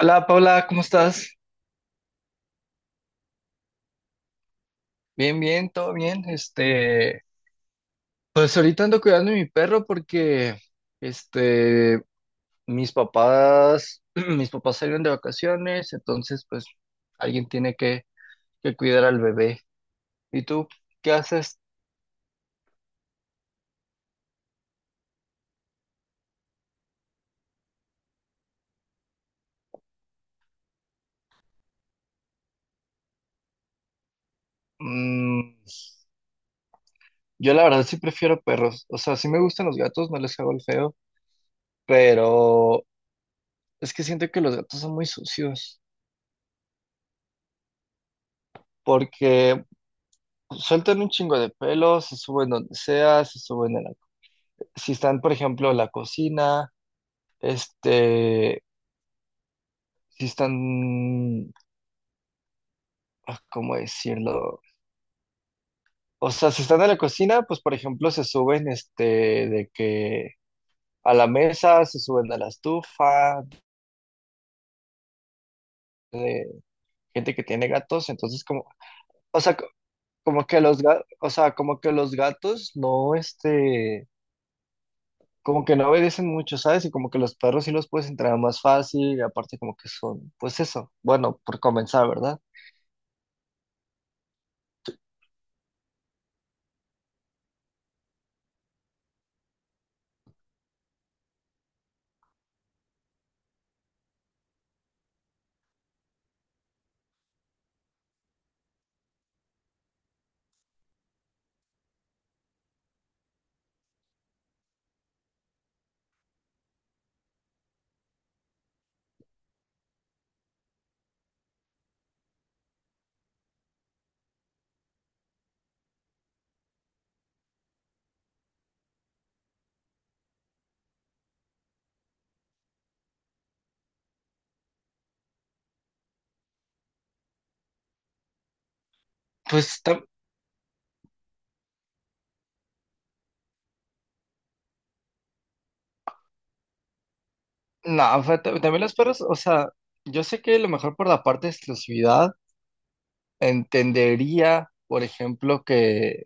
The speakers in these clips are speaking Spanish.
Hola Paula, ¿cómo estás? Bien, bien, todo bien. Pues ahorita ando cuidando a mi perro porque este mis papás, mis papás salieron de vacaciones, entonces pues alguien tiene que cuidar al bebé. ¿Y tú qué haces? Mm, yo la verdad sí prefiero perros. O sea, sí me gustan los gatos, no les hago el feo, pero es que siento que los gatos son muy sucios porque sueltan un chingo de pelos, se suben donde sea, se suben en la si están, por ejemplo, la cocina, este, si están, ah, ¿cómo decirlo? O sea, si están en la cocina, pues, por ejemplo, se suben, de que a la mesa, se suben a la estufa, de gente que tiene gatos, entonces como, o sea, como que los gatos, o sea, como que los gatos no, como que no obedecen mucho, ¿sabes? Y como que los perros sí los puedes entrenar más fácil, y aparte como que son, pues eso, bueno, por comenzar, ¿verdad? Pues tam- No, también los perros, o sea, yo sé que a lo mejor por la parte de exclusividad entendería, por ejemplo, que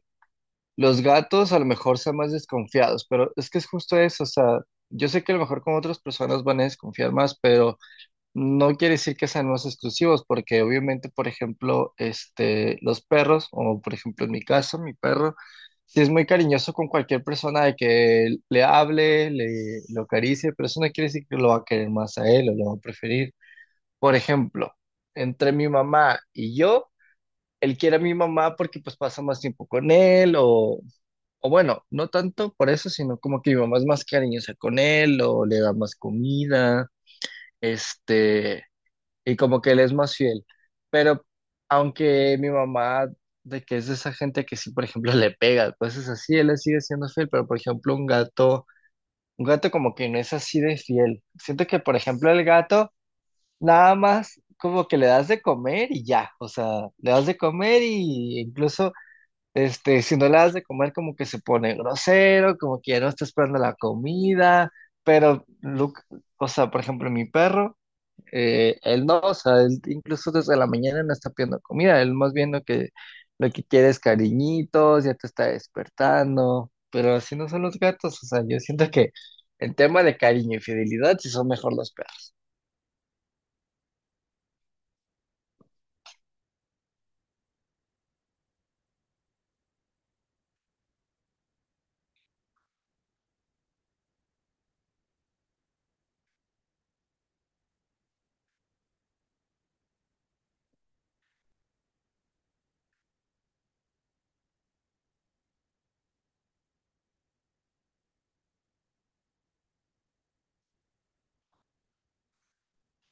los gatos a lo mejor sean más desconfiados, pero es que es justo eso, o sea, yo sé que a lo mejor con otras personas van a desconfiar más, pero no quiere decir que sean más exclusivos, porque obviamente, por ejemplo, los perros, o por ejemplo en mi caso, mi perro, sí es muy cariñoso con cualquier persona de que le hable, le lo acaricie, pero eso no quiere decir que lo va a querer más a él o lo va a preferir. Por ejemplo, entre mi mamá y yo, él quiere a mi mamá porque pues pasa más tiempo con él o bueno, no tanto por eso, sino como que mi mamá es más cariñosa con él o le da más comida, este, y como que él es más fiel. Pero aunque mi mamá de que es de esa gente que sí, por ejemplo, le pega, pues es así, él le sigue siendo fiel, pero por ejemplo, un gato como que no es así de fiel. Siento que, por ejemplo, el gato nada más como que le das de comer y ya, o sea, le das de comer y incluso, si no le das de comer como que se pone grosero, como que ya no está esperando la comida, pero, Luke, o sea, por ejemplo, mi perro, él no, o sea, él incluso desde la mañana no está pidiendo comida, él más bien lo que quiere es cariñitos, ya te está despertando, pero así no son los gatos, o sea, yo siento que en tema de cariño y fidelidad sí son mejor los perros.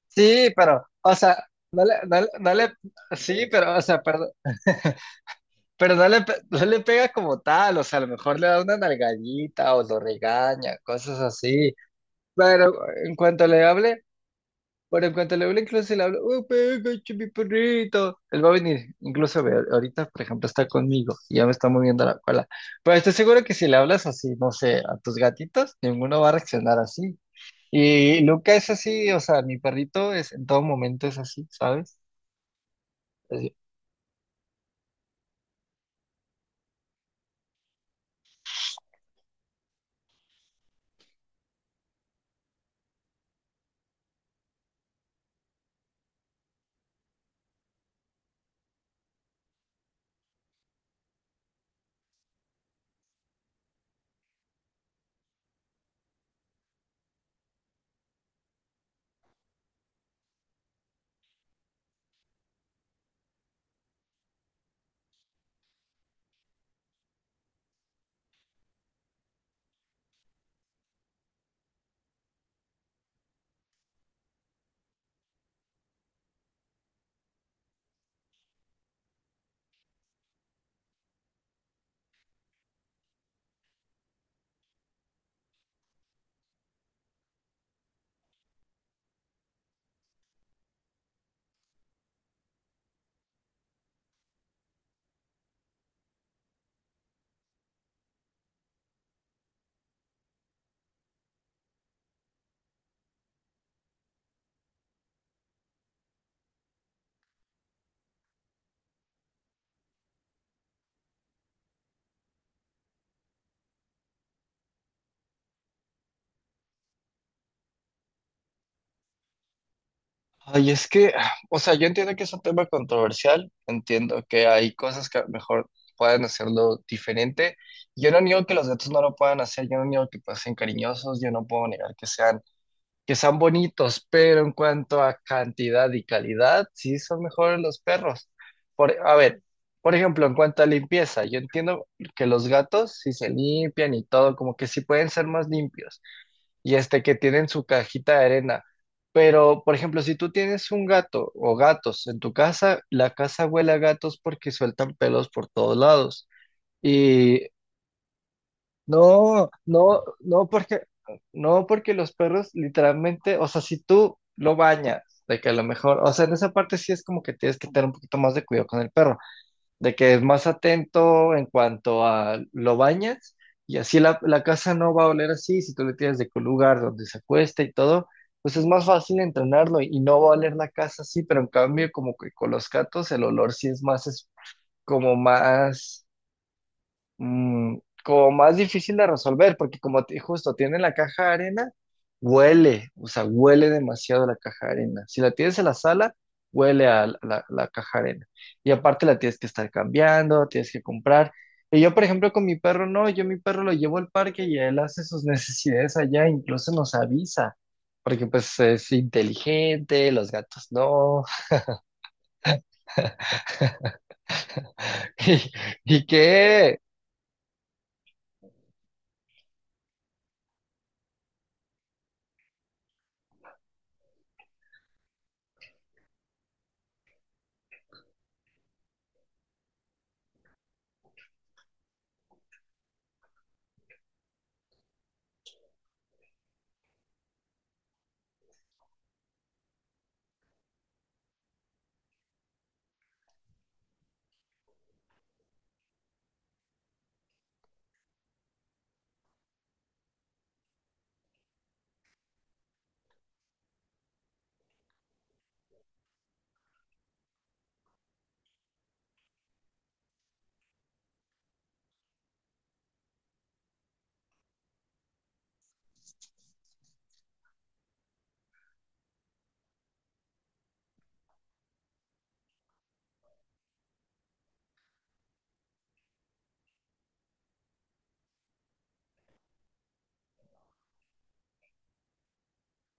Sí, pero, o sea, no le, no, le, no le- sí, pero, o sea, perdón, pero no le pega como tal, o sea, a lo mejor le da una nalgadita o lo regaña, cosas así, pero en cuanto le hable, pero en cuanto le hable, incluso si le hablo, oh, pégate, mi perrito, él va a venir, incluso ve, ahorita, por ejemplo, está conmigo y ya me está moviendo la cola, pero estoy seguro que si le hablas así, no sé, a tus gatitos, ninguno va a reaccionar así. Y Luca es así, o sea, mi perrito es en todo momento es así, ¿sabes? Así, ay, es que, o sea, yo entiendo que es un tema controversial, entiendo que hay cosas que a lo mejor pueden hacerlo diferente. Yo no niego que los gatos no lo puedan hacer, yo no niego que pues, sean cariñosos, yo no puedo negar que sean que son bonitos, pero en cuanto a cantidad y calidad, sí son mejores los perros. Por, a ver, por ejemplo, en cuanto a limpieza, yo entiendo que los gatos sí se limpian y todo, como que sí pueden ser más limpios y este que tienen su cajita de arena. Pero, por ejemplo, si tú tienes un gato o gatos en tu casa, la casa huele a gatos porque sueltan pelos por todos lados. Y no, no, no porque, no porque los perros literalmente, o sea, si tú lo bañas, de que a lo mejor, o sea, en esa parte sí es como que tienes que tener un poquito más de cuidado con el perro, de que es más atento en cuanto a lo bañas y así la casa no va a oler así, si tú le tienes de que un lugar donde se acuesta y todo, pues es más fácil entrenarlo y no va a oler la casa así, pero en cambio como que con los gatos el olor sí es como más mm, como más difícil de resolver, porque como justo tiene la caja de arena, huele, o sea, huele demasiado la caja de arena. Si la tienes en la sala, huele a la caja de arena. Y aparte la tienes que estar cambiando, tienes que comprar. Y yo, por ejemplo, con mi perro, no, yo mi perro lo llevo al parque y él hace sus necesidades allá, incluso nos avisa, porque pues es inteligente, los gatos no. ¿Y, y qué?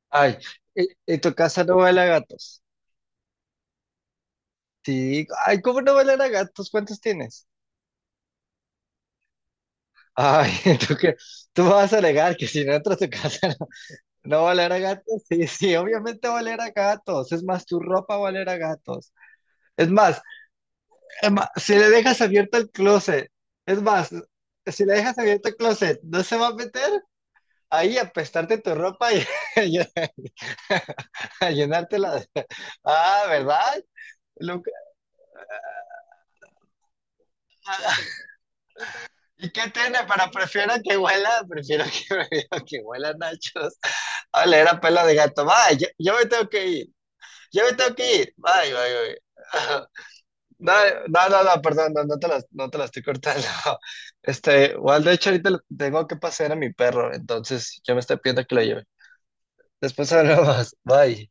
Ay, en tu casa no huele a gatos. Sí, ay, ¿cómo no bailar a gatos? ¿Cuántos tienes? Ay, tú que tú vas a alegar que si no entras a tu casa no, no va a oler a gatos. Sí, sí, obviamente va a oler a gatos. Es más, tu ropa va a oler a gatos. Es más, es más, si le dejas abierto el closet, es más, si le dejas abierto el closet, ¿no se va a meter? Ahí a apestarte tu ropa y, y a llenártela. Ah, ¿verdad? Lo que- ¿Y qué tiene? Para Prefiero que huela. Prefiero que huela nachos. Hola, era pela de gato. Bye, yo me tengo que ir. Yo me tengo que ir. Bye, bye, bye. No, no, perdón, no te la estoy cortando. Este, igual de hecho ahorita tengo que pasear a mi perro, entonces yo me estoy pidiendo que lo lleve. Después hablamos. Bye.